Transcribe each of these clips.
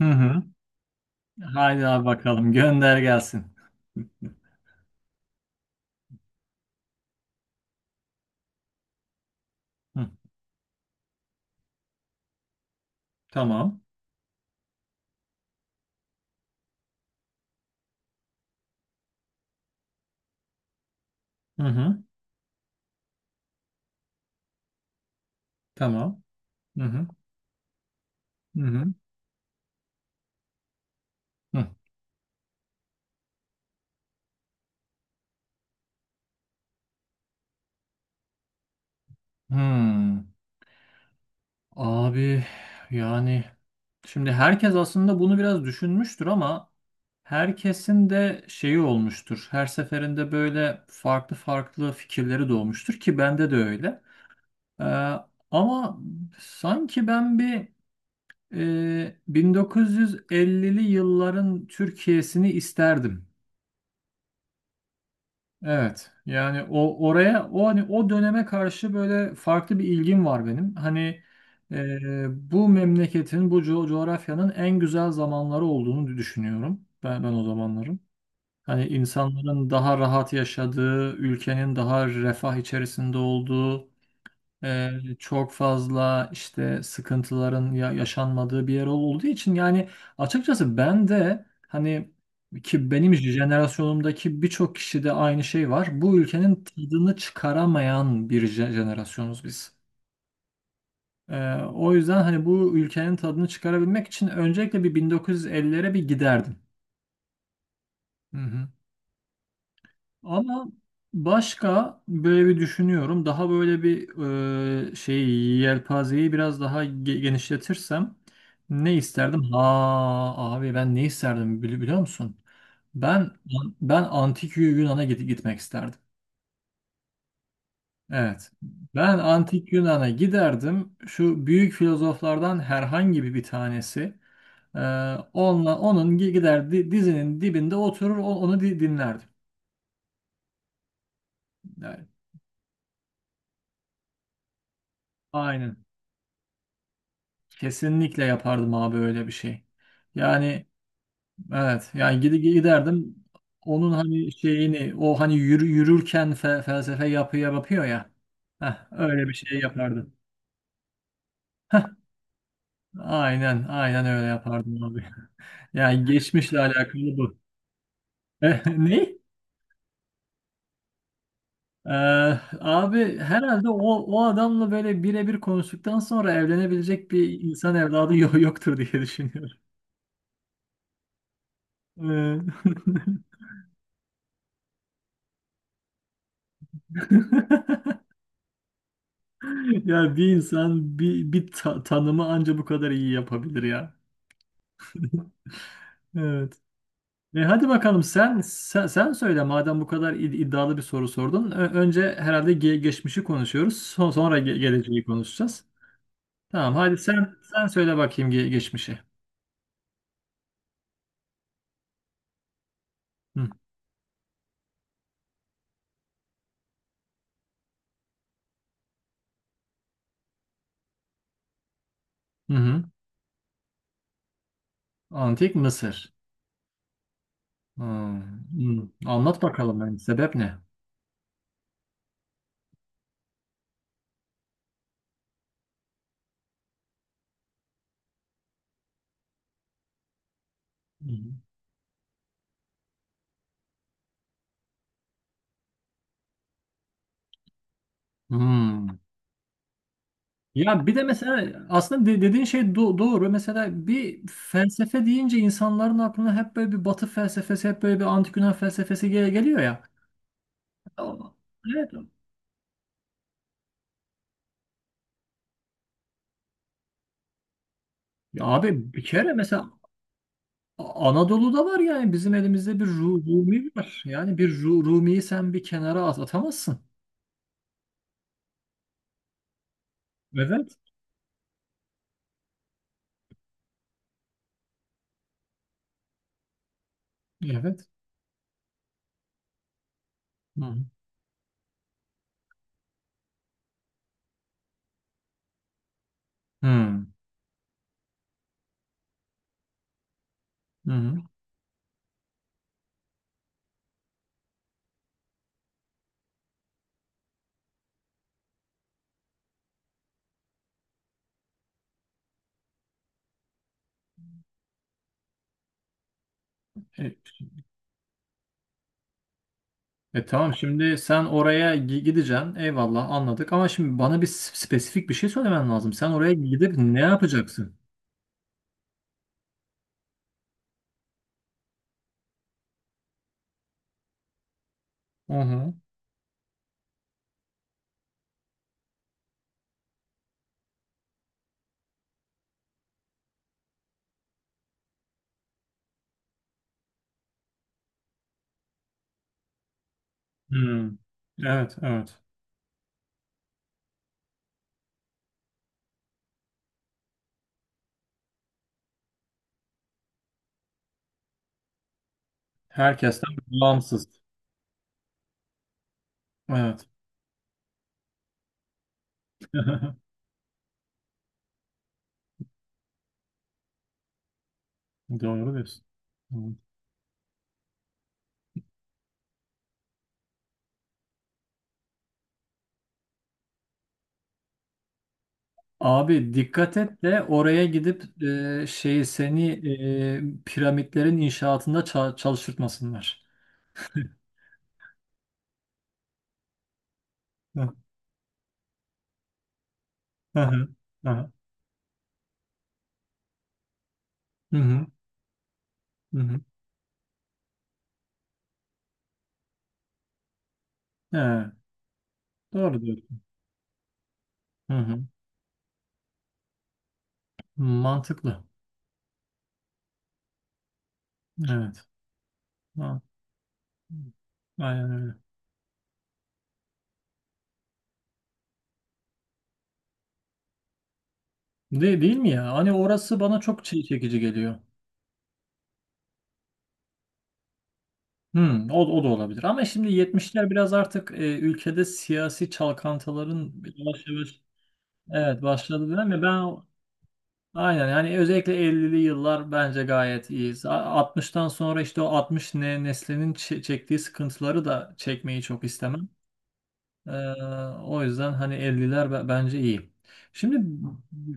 Hı hı. Haydi abi bakalım. Gönder gelsin. Hı. Tamam. Hı hı. Tamam. Hı hı. Hı hı. Hı. Hmm. Abi, yani şimdi herkes aslında bunu biraz düşünmüştür ama herkesin de şeyi olmuştur. Her seferinde böyle farklı farklı fikirleri doğmuştur ki bende de öyle. Ee, ama sanki ben bir 1950'li yılların Türkiye'sini isterdim. Evet. Yani o oraya o hani o döneme karşı böyle farklı bir ilgim var benim. Hani bu memleketin, bu coğrafyanın en güzel zamanları olduğunu düşünüyorum. Ben o zamanların. Hani insanların daha rahat yaşadığı, ülkenin daha refah içerisinde olduğu, ee, çok fazla işte sıkıntıların yaşanmadığı bir yer olduğu için yani açıkçası ben de hani ki benim jenerasyonumdaki birçok kişide aynı şey var. Bu ülkenin tadını çıkaramayan bir jenerasyonuz biz. O yüzden hani bu ülkenin tadını çıkarabilmek için öncelikle bir 1950'lere bir giderdim. Hı hı. Ama başka böyle bir düşünüyorum. Daha böyle bir şey yelpazeyi biraz daha genişletirsem ne isterdim? Ha abi, ben ne isterdim biliyor musun? Ben ben antik Yunan'a gitmek isterdim. Evet. Ben antik Yunan'a giderdim. Şu büyük filozoflardan herhangi bir tanesi e, onunla onun gider dizinin dibinde oturur onu dinlerdim. Yani, aynen. Kesinlikle yapardım abi öyle bir şey. Yani evet, yani giderdim onun hani şeyini o hani yürürken felsefe yapıyor ya. Heh, öyle bir şey yapardım. Heh, aynen aynen öyle yapardım abi. Yani geçmişle alakalı bu. Eh, ne? Ee, abi herhalde o adamla böyle birebir konuştuktan sonra evlenebilecek bir insan evladı yoktur diye düşünüyorum. Ee, Ya bir insan bir tanımı anca bu kadar iyi yapabilir ya. Evet. E, hadi bakalım sen söyle madem bu kadar iddialı bir soru sordun. Önce herhalde geçmişi konuşuyoruz. Sonra geleceği konuşacağız. Tamam, hadi sen söyle bakayım geçmişi. Hı. Hı hı. Antik Mısır. Hmm. Hmm. Anlat bakalım, yani sebep ne? Hı hı. Hmm. Ya bir de mesela aslında dediğin şey doğru. Mesela bir felsefe deyince insanların aklına hep böyle bir batı felsefesi, hep böyle bir antik Yunan felsefesi geliyor ya. Evet. Ya abi, bir kere mesela Anadolu'da var, yani bizim elimizde bir Rumi var. Yani bir Rumi'yi sen bir kenara atamazsın. Evet. Evet. Hı hı. Hı hı. E, E, tamam şimdi sen oraya gideceksin. Eyvallah, anladık ama şimdi bana bir spesifik bir şey söylemen lazım. Sen oraya gidip ne yapacaksın? Hı hı. Hmm. Evet, evet. Herkesten bağımsız. Evet. Doğru diyorsun. Evet. Abi dikkat et de oraya gidip şeyi seni piramitlerin inşaatında çalıştırtmasınlar. Hı hı. Hı hı. Hı hı. Hı hı. Evet. Doğru diyorsun. Hı hı. Mantıklı. Evet. Aynen öyle. Değil mi ya? Hani orası bana çok şey çekici geliyor. Hmm, o da olabilir. Ama şimdi 70'ler biraz artık ülkede siyasi çalkantıların yavaş yavaş evet başladı değil mi? Ben aynen, yani özellikle 50'li yıllar bence gayet iyi. 60'tan sonra işte o 60 neslinin çektiği sıkıntıları da çekmeyi çok istemem. Ee, o yüzden hani 50'ler bence iyi. Şimdi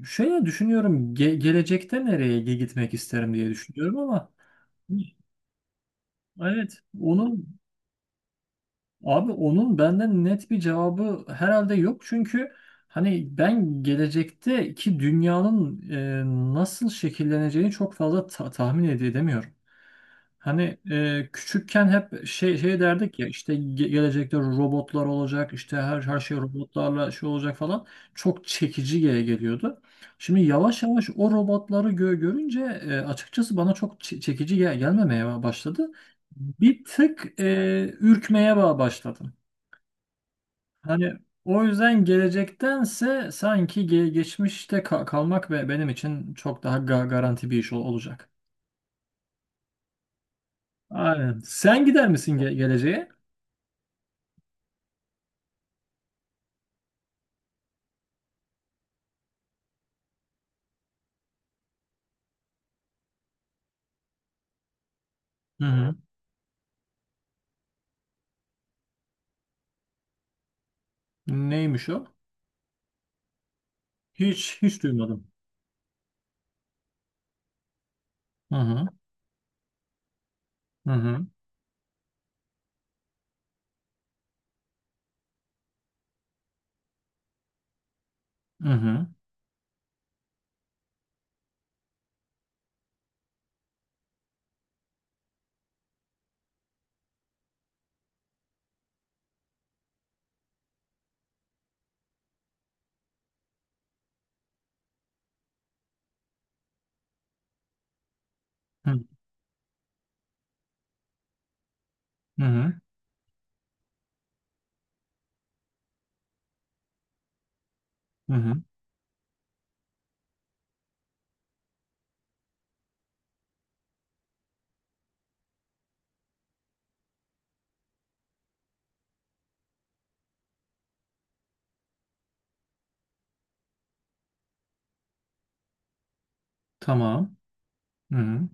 şöyle düşünüyorum, gelecekte nereye gitmek isterim diye düşünüyorum ama evet onu abi onun benden net bir cevabı herhalde yok çünkü hani ben gelecekteki dünyanın nasıl şekilleneceğini çok fazla tahmin edemiyorum. Hani küçükken hep şey derdik ya, işte gelecekte robotlar olacak, işte her şey robotlarla şey olacak falan çok çekici geliyordu. Şimdi yavaş yavaş o robotları görünce açıkçası bana çok çekici gelmemeye başladı. Bir tık ürkmeye başladım. Hani o yüzden gelecektense sanki geçmişte kalmak ve benim için çok daha garanti bir iş olacak. Aynen. Sen gider misin geleceğe? Hı hı. Neymiş o? Hiç hiç duymadım. Hı hı. Hı hı. Hı hı. Hı hı. Hı hı. Tamam. Hı hı.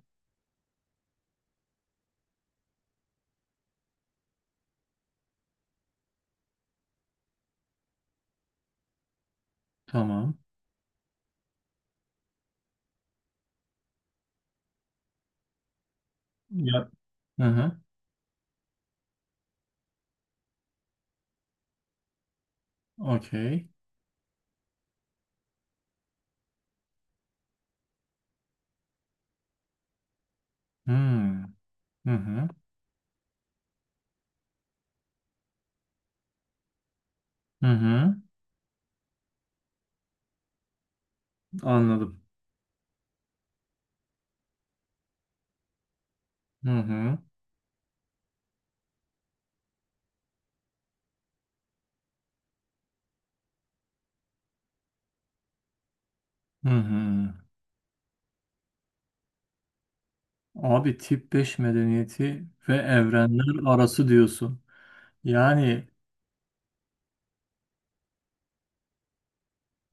Tamam. Ya. Hı hı. Okey. Hı hı. Hı hı. Hı. Anladım. Hı hı. Hı hı. Abi tip 5 medeniyeti ve evrenler arası diyorsun. Yani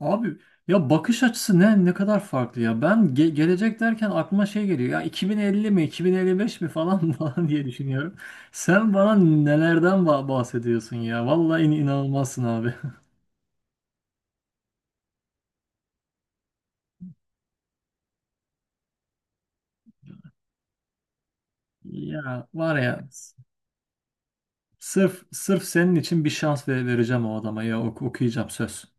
abi ya, bakış açısı ne kadar farklı ya. Ben gelecek derken aklıma şey geliyor. Ya 2050 mi 2055 mi falan falan diye düşünüyorum. Sen bana nelerden bahsediyorsun ya. Vallahi inanılmazsın abi. Ya var ya, sırf sırf senin için bir şans vereceğim o adama, ya okuyacağım söz.